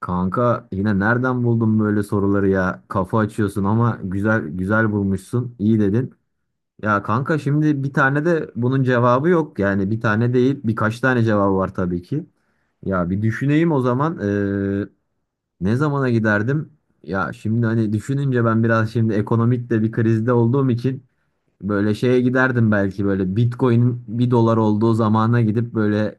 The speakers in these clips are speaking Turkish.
Kanka yine nereden buldun böyle soruları ya? Kafa açıyorsun ama güzel güzel bulmuşsun. İyi dedin. Ya kanka şimdi bir tane de bunun cevabı yok. Yani bir tane değil, birkaç tane cevabı var tabii ki. Ya bir düşüneyim o zaman. Ne zamana giderdim? Ya şimdi hani düşününce ben biraz şimdi ekonomik de bir krizde olduğum için böyle şeye giderdim, belki böyle Bitcoin'in bir dolar olduğu zamana gidip böyle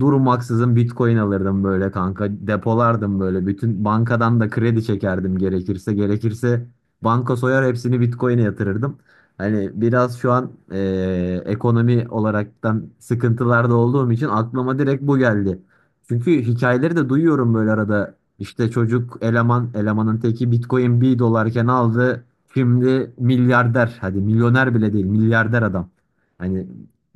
durmaksızın Bitcoin alırdım böyle kanka. Depolardım böyle. Bütün bankadan da kredi çekerdim gerekirse. Gerekirse banka soyar, hepsini Bitcoin'e yatırırdım. Hani biraz şu an ekonomi olaraktan sıkıntılarda olduğum için aklıma direkt bu geldi. Çünkü hikayeleri de duyuyorum böyle arada. İşte çocuk eleman, elemanın teki Bitcoin bir dolarken aldı. Şimdi milyarder. Hadi milyoner bile değil, milyarder adam. Hani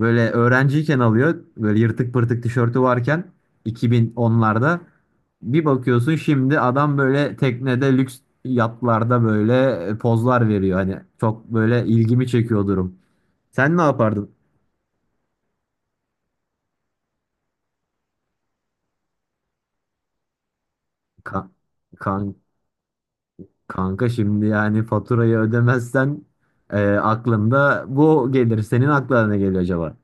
böyle öğrenciyken alıyor. Böyle yırtık pırtık tişörtü varken 2010'larda bir bakıyorsun, şimdi adam böyle teknede lüks yatlarda böyle pozlar veriyor. Hani çok böyle ilgimi çekiyor durum. Sen ne yapardın? Ka- kan kanka şimdi yani faturayı ödemezsen aklında bu gelir. Senin aklına ne geliyor acaba?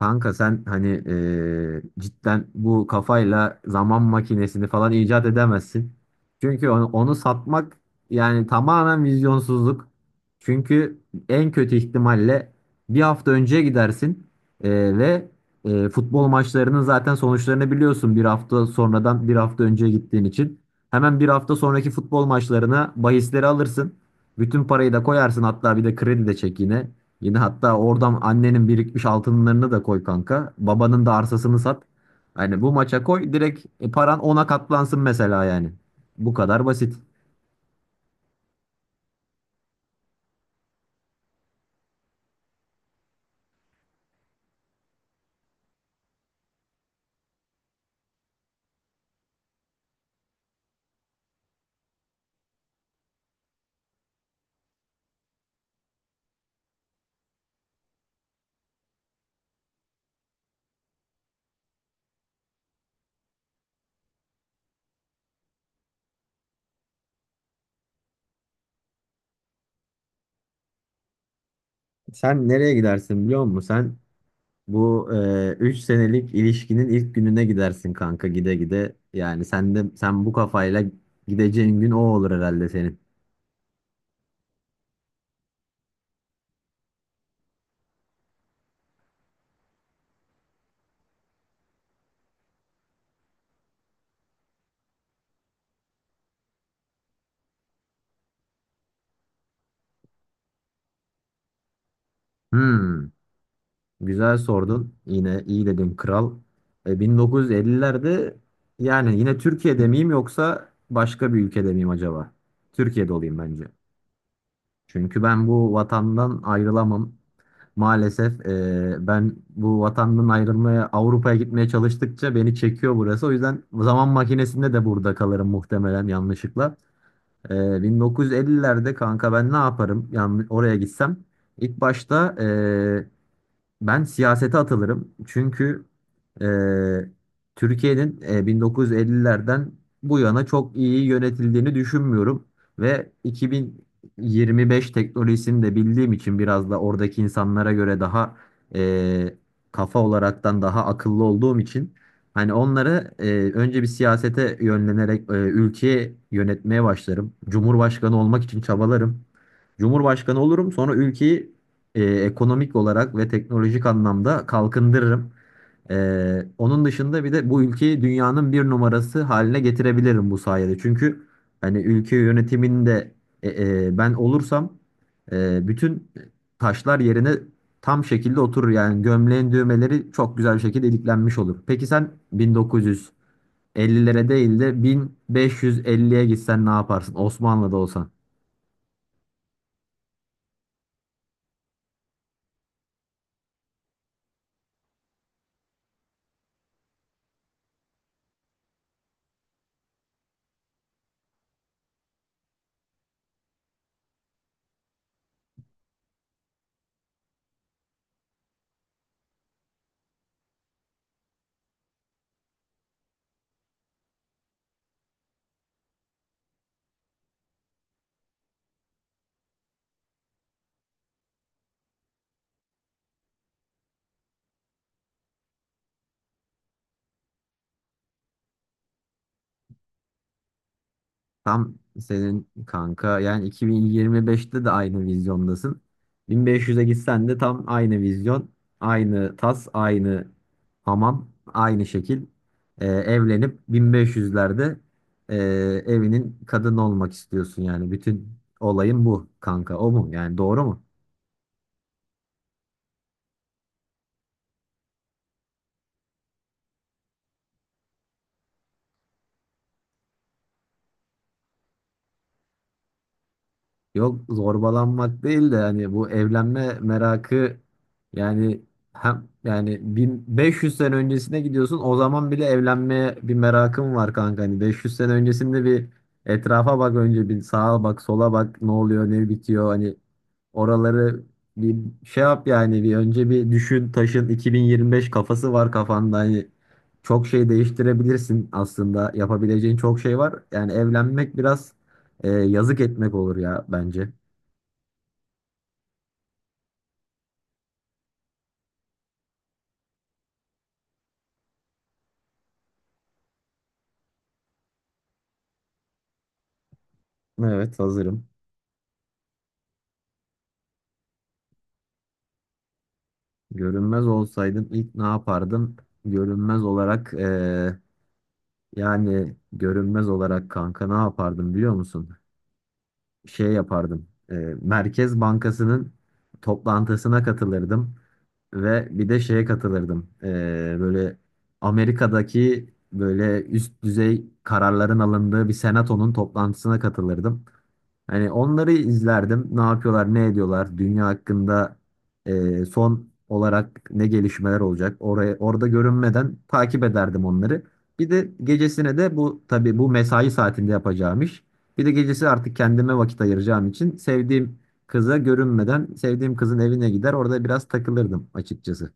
Kanka sen hani cidden bu kafayla zaman makinesini falan icat edemezsin. Çünkü onu satmak yani tamamen vizyonsuzluk. Çünkü en kötü ihtimalle bir hafta önceye gidersin ve futbol maçlarının zaten sonuçlarını biliyorsun, bir hafta sonradan bir hafta önceye gittiğin için. Hemen bir hafta sonraki futbol maçlarına bahisleri alırsın. Bütün parayı da koyarsın, hatta bir de kredi de çek yine. Yine hatta oradan annenin birikmiş altınlarını da koy kanka. Babanın da arsasını sat. Hani bu maça koy direkt paran ona katlansın mesela yani. Bu kadar basit. Sen nereye gidersin biliyor musun? Sen bu 3 senelik ilişkinin ilk gününe gidersin kanka, gide gide. Yani sen de, sen bu kafayla gideceğin gün o olur herhalde senin. Hmm. Güzel sordun. Yine iyi dedin kral. 1950'lerde yani yine Türkiye'de miyim yoksa başka bir ülkede miyim acaba? Türkiye'de olayım bence. Çünkü ben bu vatandan ayrılamam. Maalesef ben bu vatandan ayrılmaya, Avrupa'ya gitmeye çalıştıkça beni çekiyor burası. O yüzden zaman makinesinde de burada kalırım muhtemelen yanlışlıkla. E, 1950'lerde kanka ben ne yaparım? Yani oraya gitsem. İlk başta ben siyasete atılırım. Çünkü eee, Türkiye'nin 1950'lerden bu yana çok iyi yönetildiğini düşünmüyorum. Ve 2025 teknolojisini de bildiğim için, biraz da oradaki insanlara göre daha eee, kafa olaraktan daha akıllı olduğum için, hani onları önce bir siyasete yönlenerek ülkeyi yönetmeye başlarım. Cumhurbaşkanı olmak için çabalarım. Cumhurbaşkanı olurum, sonra ülkeyi ekonomik olarak ve teknolojik anlamda kalkındırırım. E, onun dışında bir de bu ülkeyi dünyanın bir numarası haline getirebilirim bu sayede. Çünkü hani ülke yönetiminde e, ben olursam bütün taşlar yerine tam şekilde oturur. Yani gömleğin düğmeleri çok güzel bir şekilde iliklenmiş olur. Peki sen 1950'lere değil de 1550'ye gitsen ne yaparsın? Osmanlı'da olsan. Tam senin kanka, yani 2025'te de aynı vizyondasın. 1500'e gitsen de tam aynı vizyon, aynı tas, aynı hamam, aynı şekil. Evlenip 1500'lerde ee, evinin kadını olmak istiyorsun yani. Bütün olayın bu kanka. O mu? Yani doğru mu? Yok, zorbalanmak değil de hani bu evlenme merakı yani. Hem yani 1500 sene öncesine gidiyorsun, o zaman bile evlenmeye bir merakım var kanka. Hani 500 sene öncesinde bir etrafa bak, önce bir sağa bak sola bak, ne oluyor ne bitiyor. Hani oraları bir şey yap yani. Bir önce bir düşün taşın, 2025 kafası var kafanda, hani çok şey değiştirebilirsin aslında, yapabileceğin çok şey var yani. Evlenmek biraz yazık etmek olur ya bence. Evet, hazırım. Görünmez olsaydım ilk ne yapardım? Görünmez olarak yani görünmez olarak kanka ne yapardım biliyor musun? Şey yapardım. Merkez Bankası'nın toplantısına katılırdım. Ve bir de şeye katılırdım. Böyle Amerika'daki böyle üst düzey kararların alındığı bir senatonun toplantısına katılırdım. Hani onları izlerdim. Ne yapıyorlar, ne ediyorlar, dünya hakkında son olarak ne gelişmeler olacak. Orada görünmeden takip ederdim onları. Bir de gecesine de, bu tabii bu mesai saatinde yapacağım iş. Bir de gecesi artık kendime vakit ayıracağım için, sevdiğim kıza görünmeden sevdiğim kızın evine gider, orada biraz takılırdım açıkçası.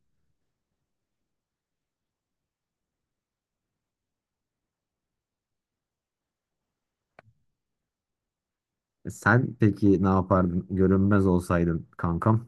Sen peki ne yapardın görünmez olsaydın kankam?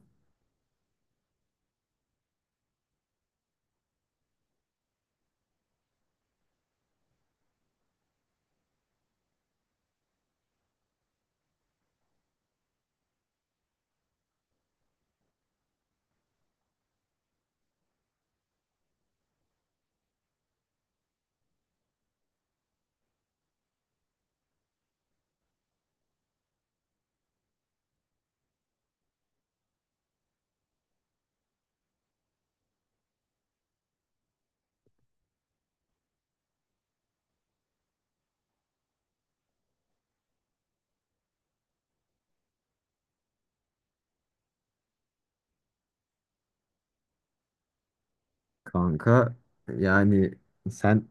Kanka yani sen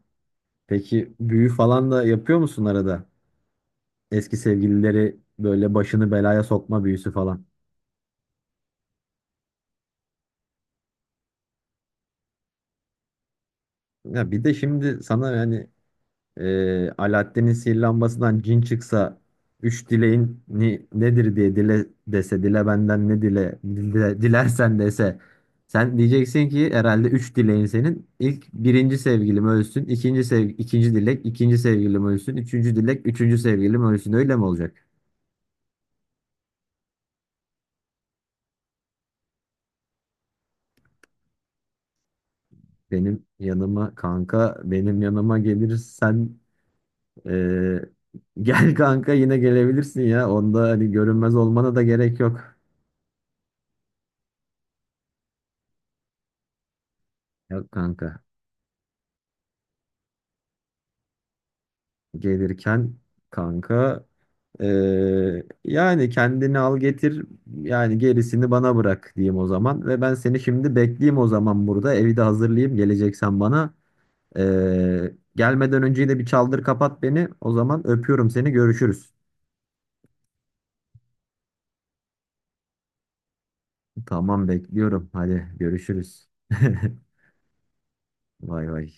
peki büyü falan da yapıyor musun arada? Eski sevgilileri böyle başını belaya sokma büyüsü falan. Ya bir de şimdi sana yani Alaaddin'in sihirli lambasından cin çıksa, üç dileğin nedir diye dile dese, dile benden ne dile, dile dilersen dese, sen diyeceksin ki herhalde üç dileğin senin, ilk birinci sevgilim ölsün, ikinci ikinci dilek, ikinci sevgilim ölsün, üçüncü dilek üçüncü sevgilim ölsün, öyle mi olacak? Benim yanıma kanka, benim yanıma gelirsen Ee, gel kanka, yine gelebilirsin ya. Onda hani görünmez olmana da gerek yok. Yok kanka. Gelirken kanka yani kendini al getir, yani gerisini bana bırak diyeyim o zaman, ve ben seni şimdi bekleyeyim o zaman, burada evi de hazırlayayım geleceksen bana. Gelmeden önce de bir çaldır kapat beni o zaman. Öpüyorum seni, görüşürüz. Tamam, bekliyorum, hadi görüşürüz. Vay vay.